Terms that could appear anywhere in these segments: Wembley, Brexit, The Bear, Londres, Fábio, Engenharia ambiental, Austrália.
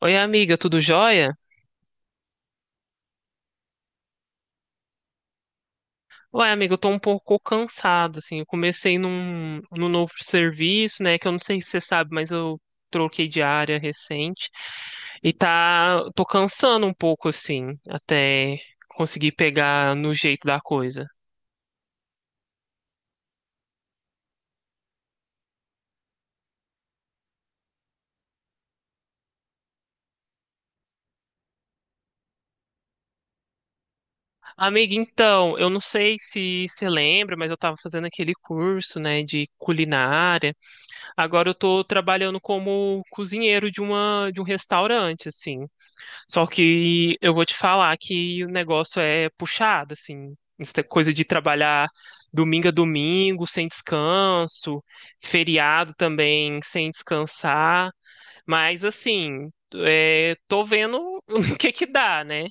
Oi, amiga, tudo jóia? Ué, amiga, eu tô um pouco cansado, assim. Eu comecei num novo serviço, né? Que eu não sei se você sabe, mas eu troquei de área recente. E tá, tô cansando um pouco, assim, até conseguir pegar no jeito da coisa. Amiga, então, eu não sei se você lembra, mas eu tava fazendo aquele curso, né, de culinária. Agora eu tô trabalhando como cozinheiro de um restaurante, assim. Só que eu vou te falar que o negócio é puxado, assim. Essa coisa de trabalhar domingo a domingo, sem descanso, feriado também, sem descansar. Mas, assim, tô vendo o que que dá, né?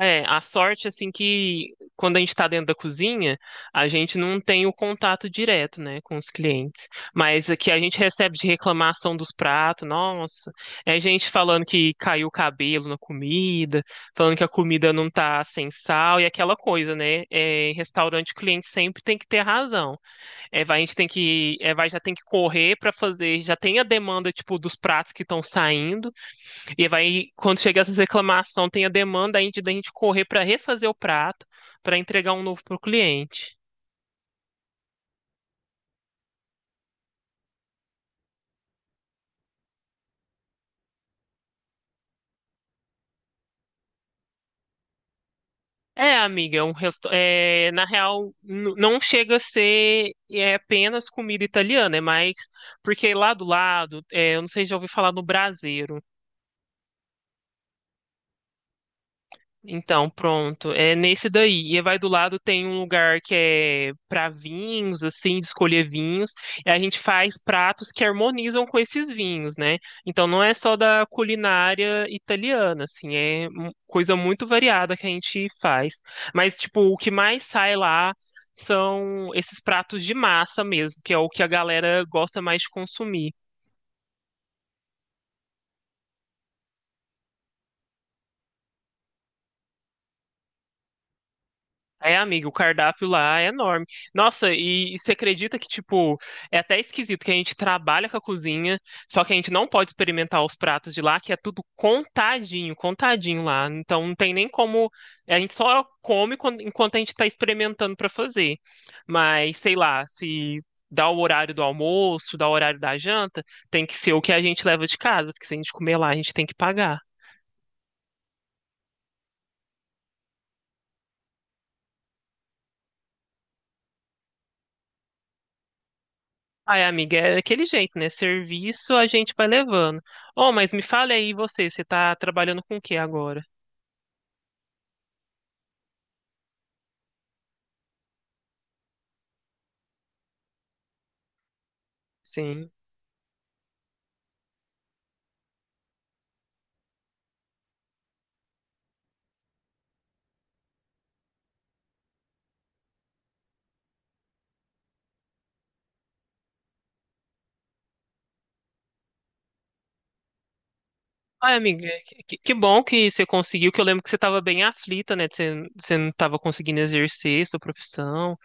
É, a sorte, assim, que quando a gente está dentro da cozinha, a gente não tem o contato direto, né, com os clientes. Mas aqui a gente recebe de reclamação dos pratos, nossa, é gente falando que caiu o cabelo na comida, falando que a comida não tá sem sal e aquela coisa, né? É, em restaurante, o cliente sempre tem que ter razão. É, vai, a gente tem que, já tem que correr para fazer, já tem a demanda, tipo, dos pratos que estão saindo. E vai, quando chega essas reclamação, tem a demanda aí de da gente correr para refazer o prato, para entregar um novo pro cliente. É, amiga, é, na real, não chega a ser apenas comida italiana, é mais porque lá do lado, eu não sei se já ouvi falar no braseiro. Então, pronto. É nesse daí. E vai do lado tem um lugar que é para vinhos, assim, de escolher vinhos. E a gente faz pratos que harmonizam com esses vinhos, né? Então não é só da culinária italiana, assim, é coisa muito variada que a gente faz. Mas, tipo, o que mais sai lá são esses pratos de massa mesmo, que é o que a galera gosta mais de consumir. É, amiga, o cardápio lá é enorme. Nossa, e você acredita que, tipo, é até esquisito que a gente trabalha com a cozinha, só que a gente não pode experimentar os pratos de lá, que é tudo contadinho, contadinho lá. Então não tem nem como. A gente só come enquanto a gente tá experimentando pra fazer. Mas, sei lá, se dá o horário do almoço, dá o horário da janta, tem que ser o que a gente leva de casa, porque se a gente comer lá, a gente tem que pagar. Ai, amiga, é daquele jeito, né? Serviço a gente vai levando. Oh, mas me fale aí você, você tá trabalhando com o que agora? Sim. Ai, amiga, é que, que bom que você conseguiu, que eu lembro que você tava bem aflita, né? que Você, você não tava conseguindo exercer sua profissão.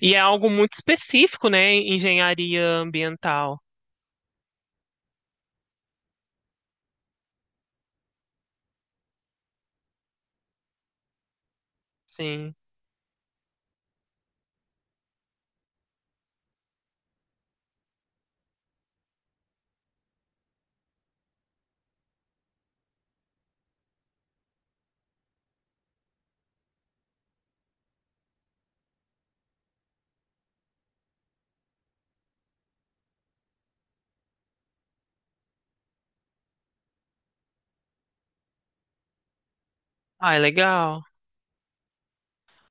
E é algo muito específico, né? Engenharia ambiental. Sim. Ai, legal.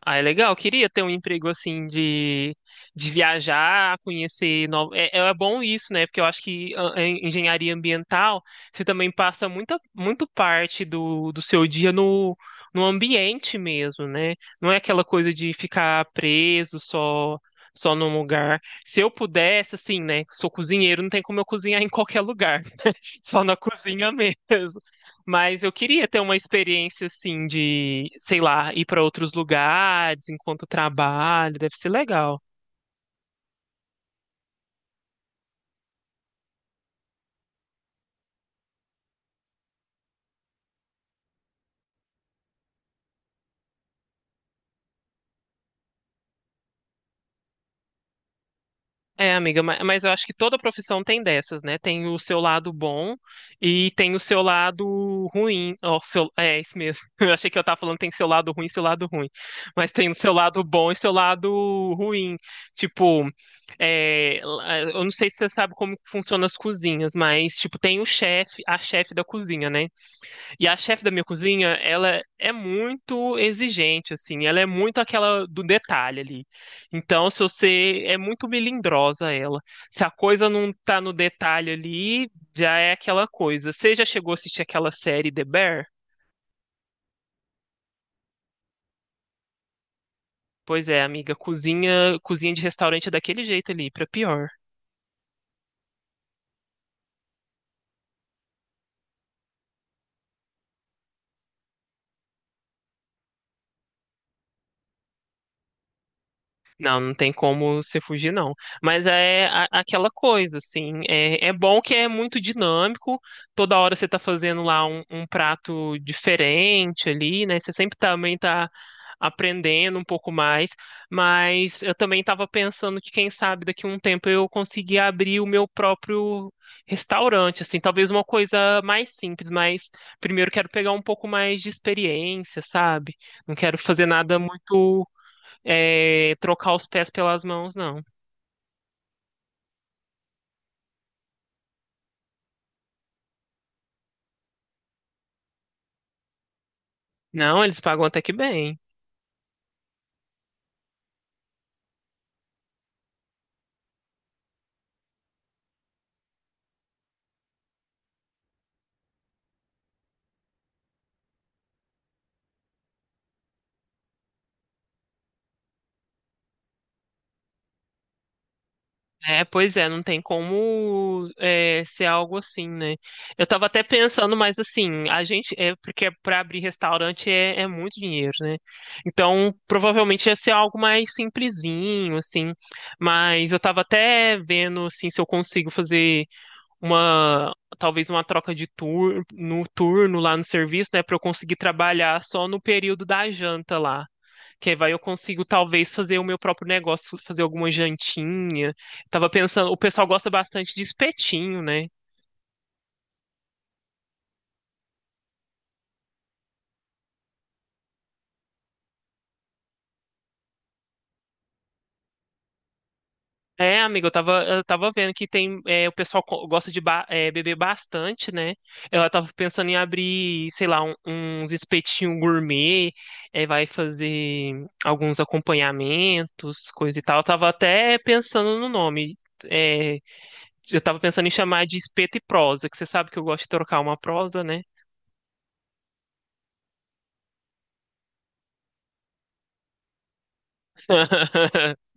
Ah, é legal. Eu queria ter um emprego assim de viajar, conhecer novo. É, é bom isso, né? Porque eu acho que a engenharia ambiental, você também passa muita muito parte do seu dia no ambiente mesmo, né? Não é aquela coisa de ficar preso só num lugar. Se eu pudesse, assim, né? Sou cozinheiro, não tem como eu cozinhar em qualquer lugar só na cozinha mesmo. Mas eu queria ter uma experiência assim de, sei lá, ir para outros lugares enquanto trabalho, deve ser legal. É, amiga, mas eu acho que toda profissão tem dessas, né? Tem o seu lado bom e tem o seu lado ruim. É, isso mesmo. Eu achei que eu tava falando tem seu lado ruim, seu lado ruim. Mas tem o seu lado bom e seu lado ruim. Tipo, eu não sei se você sabe como funcionam as cozinhas, mas, tipo, tem o chefe, a chefe da cozinha, né? E a chefe da minha cozinha, ela é muito exigente, assim, ela é muito aquela do detalhe ali. Então, se você é muito melindrosa ela. Se a coisa não tá no detalhe ali, já é aquela coisa. Você já chegou a assistir aquela série The Bear? Pois é, amiga, cozinha, cozinha de restaurante é daquele jeito ali, pra pior. Não, não tem como você fugir, não. Mas é aquela coisa, assim. É, é bom que é muito dinâmico. Toda hora você tá fazendo lá um prato diferente ali, né? Você sempre também tá aprendendo um pouco mais. Mas eu também tava pensando que, quem sabe, daqui a um tempo eu conseguir abrir o meu próprio restaurante, assim. Talvez uma coisa mais simples, mas primeiro quero pegar um pouco mais de experiência, sabe? Não quero fazer nada muito é, trocar os pés pelas mãos, não. Não, eles pagam até que bem. É, pois é, não tem como é, ser algo assim, né? Eu tava até pensando, mas assim, a gente, é, porque para abrir restaurante é muito dinheiro, né? Então, provavelmente ia ser algo mais simplesinho, assim. Mas eu tava até vendo, assim, se eu consigo fazer uma, talvez uma troca de tur no turno lá no serviço, né? Para eu conseguir trabalhar só no período da janta lá. Que vai eu consigo talvez fazer o meu próprio negócio, fazer alguma jantinha. Tava pensando, o pessoal gosta bastante de espetinho, né? É, amiga, eu tava vendo que tem, é, o pessoal gosta de é, beber bastante, né? Ela tava pensando em abrir, sei lá, uns espetinhos gourmet, é, vai fazer alguns acompanhamentos, coisa e tal. Eu tava até pensando no nome. é, eu tava pensando em chamar de Espeto e Prosa, que você sabe que eu gosto de trocar uma prosa, né?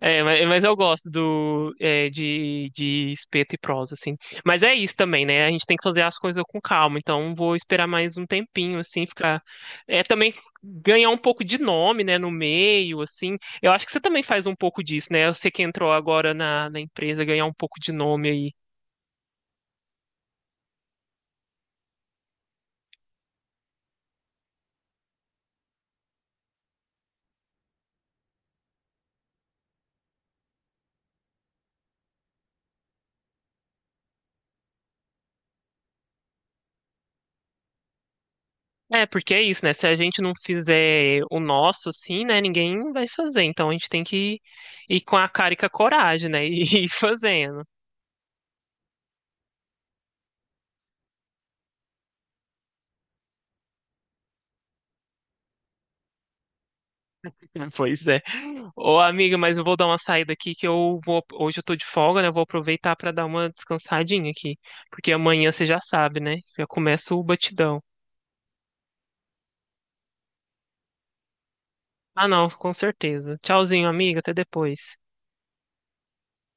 É, mas eu gosto de espeto e prosa, assim. Mas é isso também, né? A gente tem que fazer as coisas com calma. Então, vou esperar mais um tempinho, assim, ficar. É também ganhar um pouco de nome, né, no meio, assim. Eu acho que você também faz um pouco disso, né? Você que entrou agora na empresa, ganhar um pouco de nome aí. É, porque é isso, né? Se a gente não fizer o nosso, assim, né, ninguém vai fazer. Então, a gente tem que ir com a cara e com a coragem, né? E ir fazendo. Pois é. Ô, amiga, mas eu vou dar uma saída aqui que eu vou. Hoje eu tô de folga, né? Eu vou aproveitar pra dar uma descansadinha aqui. Porque amanhã você já sabe, né? Já começa o batidão. Ah, não, com certeza. Tchauzinho, amiga. Até depois.